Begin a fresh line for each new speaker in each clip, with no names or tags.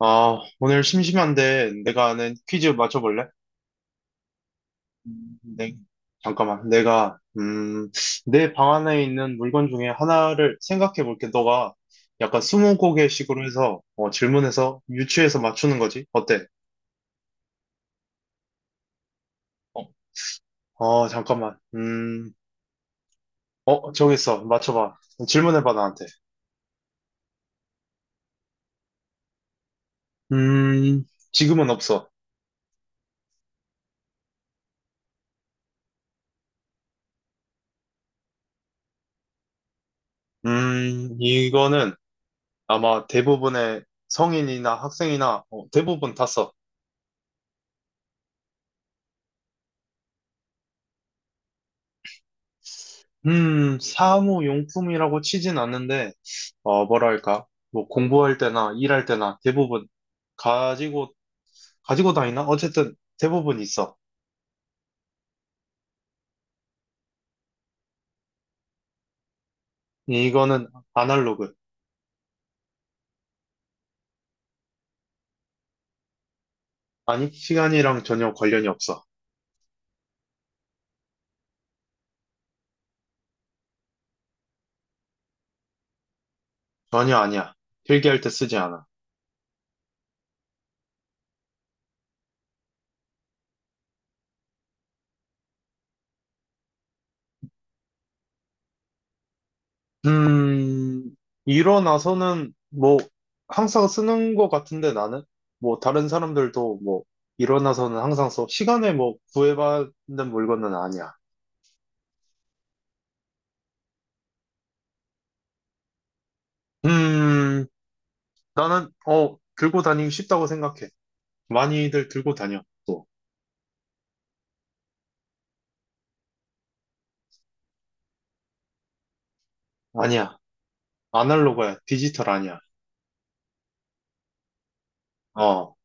아, 오늘 심심한데 내가 아는 퀴즈 맞춰볼래? 네. 잠깐만. 내가 내 방 안에 있는 물건 중에 하나를 생각해 볼게. 너가 약간 스무고개식으로 해서 질문해서 유추해서 맞추는 거지. 어때? 어, 잠깐만. 정했어. 맞춰봐. 질문해봐, 나한테. 음, 지금은 없어. 이거는 아마 대부분의 성인이나 학생이나 대부분 다 써. 사무용품이라고 치진 않는데, 뭐랄까, 뭐 공부할 때나 일할 때나 대부분 가지고, 가지고 다니나? 어쨌든 대부분 있어. 이거는 아날로그. 아니, 시간이랑 전혀 관련이 없어. 전혀 아니야. 필기할 때 쓰지 않아. 음, 일어나서는 뭐 항상 쓰는 것 같은데 나는? 뭐 다른 사람들도 뭐 일어나서는 항상 써. 시간에 뭐 구애받는 물건은 아니야. 음, 나는, 들고 다니기 쉽다고 생각해. 많이들 들고 다녀, 또. 아니야. 아날로그야. 디지털 아니야. 어,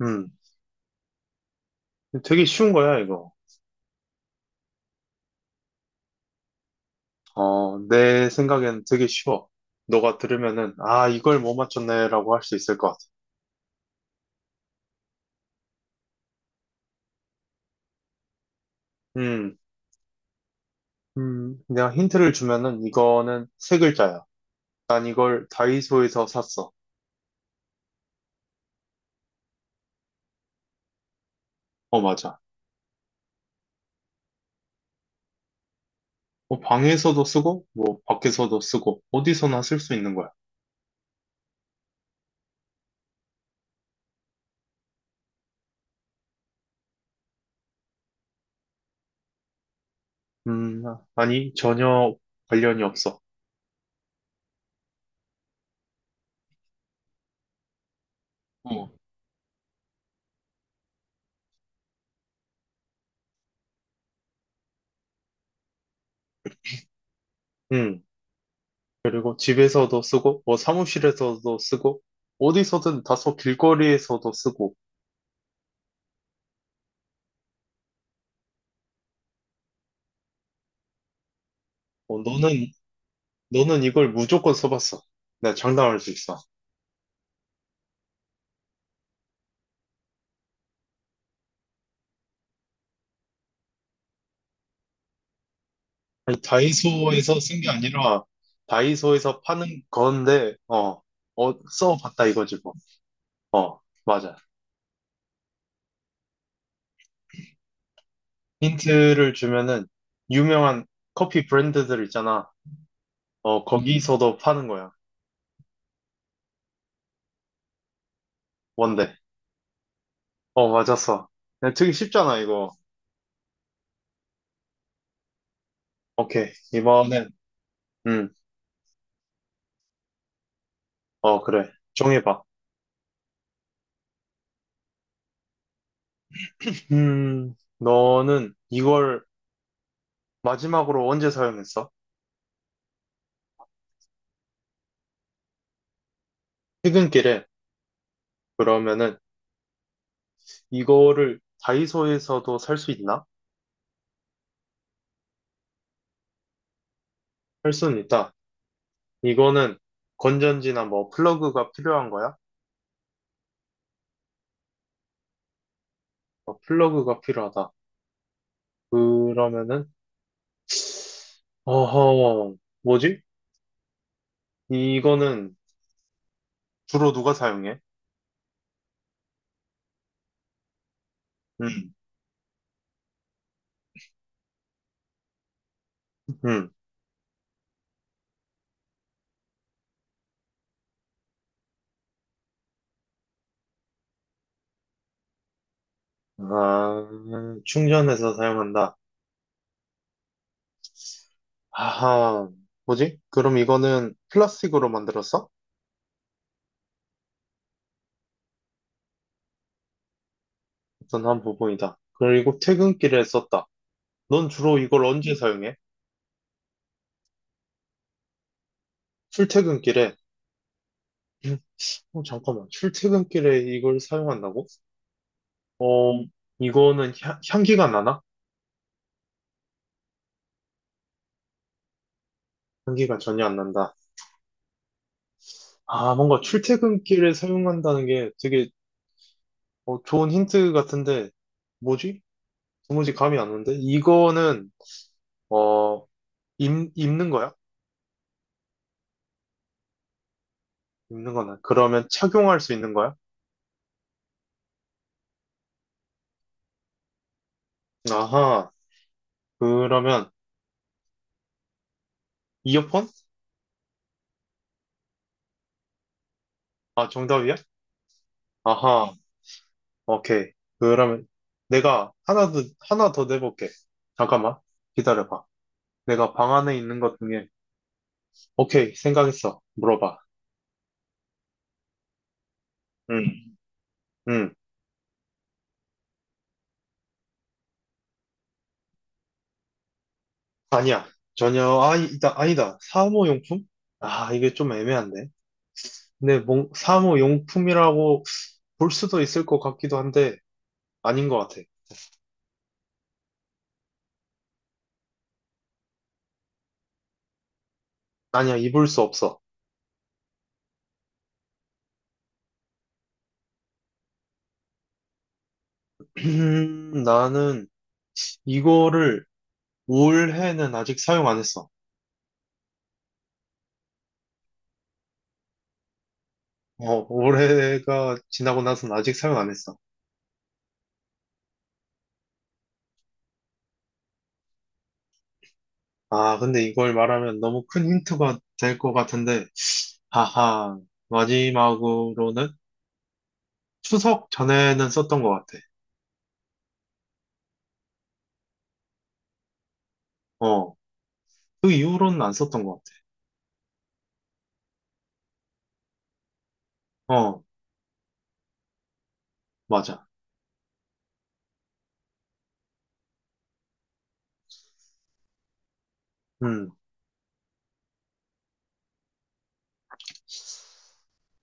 음. 되게 쉬운 거야, 이거. 어, 내 생각엔 되게 쉬워. 너가 들으면은, 아, 이걸 못 맞췄네라고 할 수 있을 것 같아. 음, 내가 힌트를 주면은, 이거는 세 글자야. 난 이걸 다이소에서 샀어. 어, 맞아. 뭐, 방에서도 쓰고, 뭐, 밖에서도 쓰고, 어디서나 쓸 수 있는 거야. 음, 아니, 전혀 관련이 없어. 어. 음. 그리고 집에서도 쓰고, 뭐 사무실에서도 쓰고, 어디서든 다소 길거리에서도 쓰고, 어, 너는, 너는 이걸 무조건 써봤어. 내가 장담할 수 있어. 아니, 다이소에서 쓴 게 아니라, 다이소에서 파는 건데, 써봤다 이거지 뭐. 어, 맞아. 힌트를 주면은, 유명한 커피 브랜드들 있잖아. 어, 거기서도 파는 거야. 뭔데? 어, 맞았어. 야, 되게 쉽잖아, 이거. 오케이. 이번엔, 음, 그래. 정해봐. 너는 이걸 마지막으로 언제 사용했어? 퇴근길에 그러면은 이거를 다이소에서도 살 수 있나? 살 수는 있다. 이거는 건전지나 뭐 플러그가 필요한 거야? 어, 플러그가 필요하다. 그러면은 어허, 뭐지? 이거는 주로 누가 사용해? 음, 음, 아, 충전해서 사용한다. 아하, 뭐지? 그럼 이거는 플라스틱으로 만들었어? 어떤 한 부분이다. 그리고 퇴근길에 썼다. 넌 주로 이걸 언제 사용해? 출퇴근길에. 음, 잠깐만. 출퇴근길에 이걸 사용한다고? 어, 이거는 향기가 나나? 향기가 전혀 안 난다. 아, 뭔가 출퇴근길에 사용한다는 게 되게 좋은 힌트 같은데, 뭐지? 도무지 감이 안 오는데? 이거는, 어, 입는 거야? 입는 거나. 그러면 착용할 수 있는 거야? 아하. 그러면, 이어폰? 아, 정답이야? 아하. 오케이. 그러면 내가 하나 더 내볼게. 잠깐만. 기다려봐. 내가 방 안에 있는 것 중에, 오케이, 생각했어. 물어봐. 응, 응. 아니야. 전혀, 아니다, 아니다. 사무용품? 아, 이게 좀 애매한데. 근데 사무용품이라고 볼 수도 있을 것 같기도 한데, 아닌 것 같아. 아니야, 입을 수 없어. 나는 이거를 올해는 아직 사용 안 했어. 어, 올해가 지나고 나서는 아직 사용 안 했어. 아, 근데 이걸 말하면 너무 큰 힌트가 될 것 같은데, 하하, 마지막으로는 추석 전에는 썼던 것 같아. 어, 그 이후로는 안 썼던 것 같아. 어, 맞아. 음,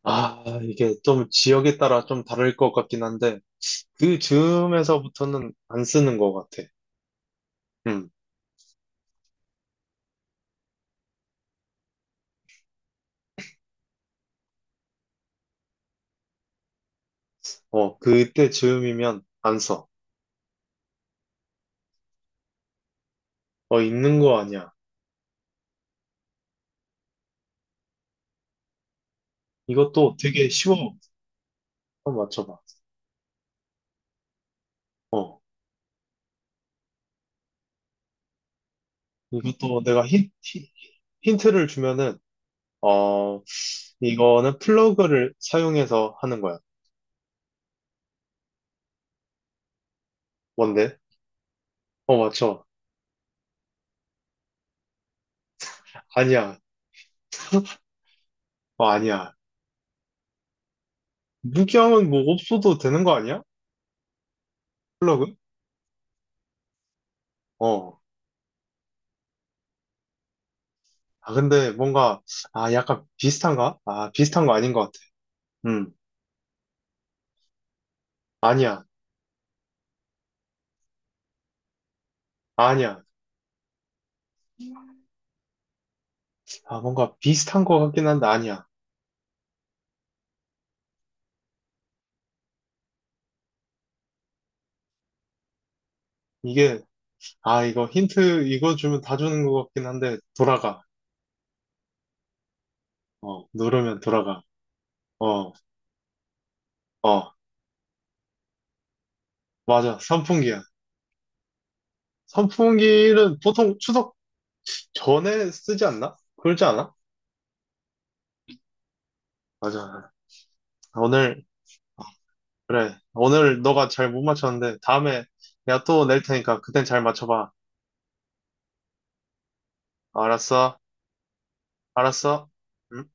아, 이게 좀 지역에 따라 좀 다를 것 같긴 한데, 그 즈음에서부터는 안 쓰는 것 같아. 음, 그때 즈음이면 안 써. 어, 있는 거 아니야. 이것도 되게 쉬워. 한번 맞춰봐. 어, 이것도 내가 힌트를 주면은, 어, 이거는 플러그를 사용해서 하는 거야. 뭔데? 어, 맞춰. 아니야. 어, 아니야. 무기함은 뭐 없어도 되는 거 아니야? 플러그? 어. 아, 근데 뭔가, 아, 약간 비슷한가? 아, 비슷한 거 아닌 것 같아. 음, 아니야. 아니야. 아, 뭔가 비슷한 것 같긴 한데, 아니야. 이게, 아, 이거 힌트, 이거 주면 다 주는 것 같긴 한데, 돌아가. 어, 누르면 돌아가. 어, 어, 맞아. 선풍기야. 선풍기는 보통 추석 전에 쓰지 않나? 그러지 않아? 맞아. 오늘, 그래. 오늘 너가 잘 못 맞췄는데, 다음에 내가 또 낼 테니까 그땐 잘 맞춰봐. 알았어? 알았어? 응?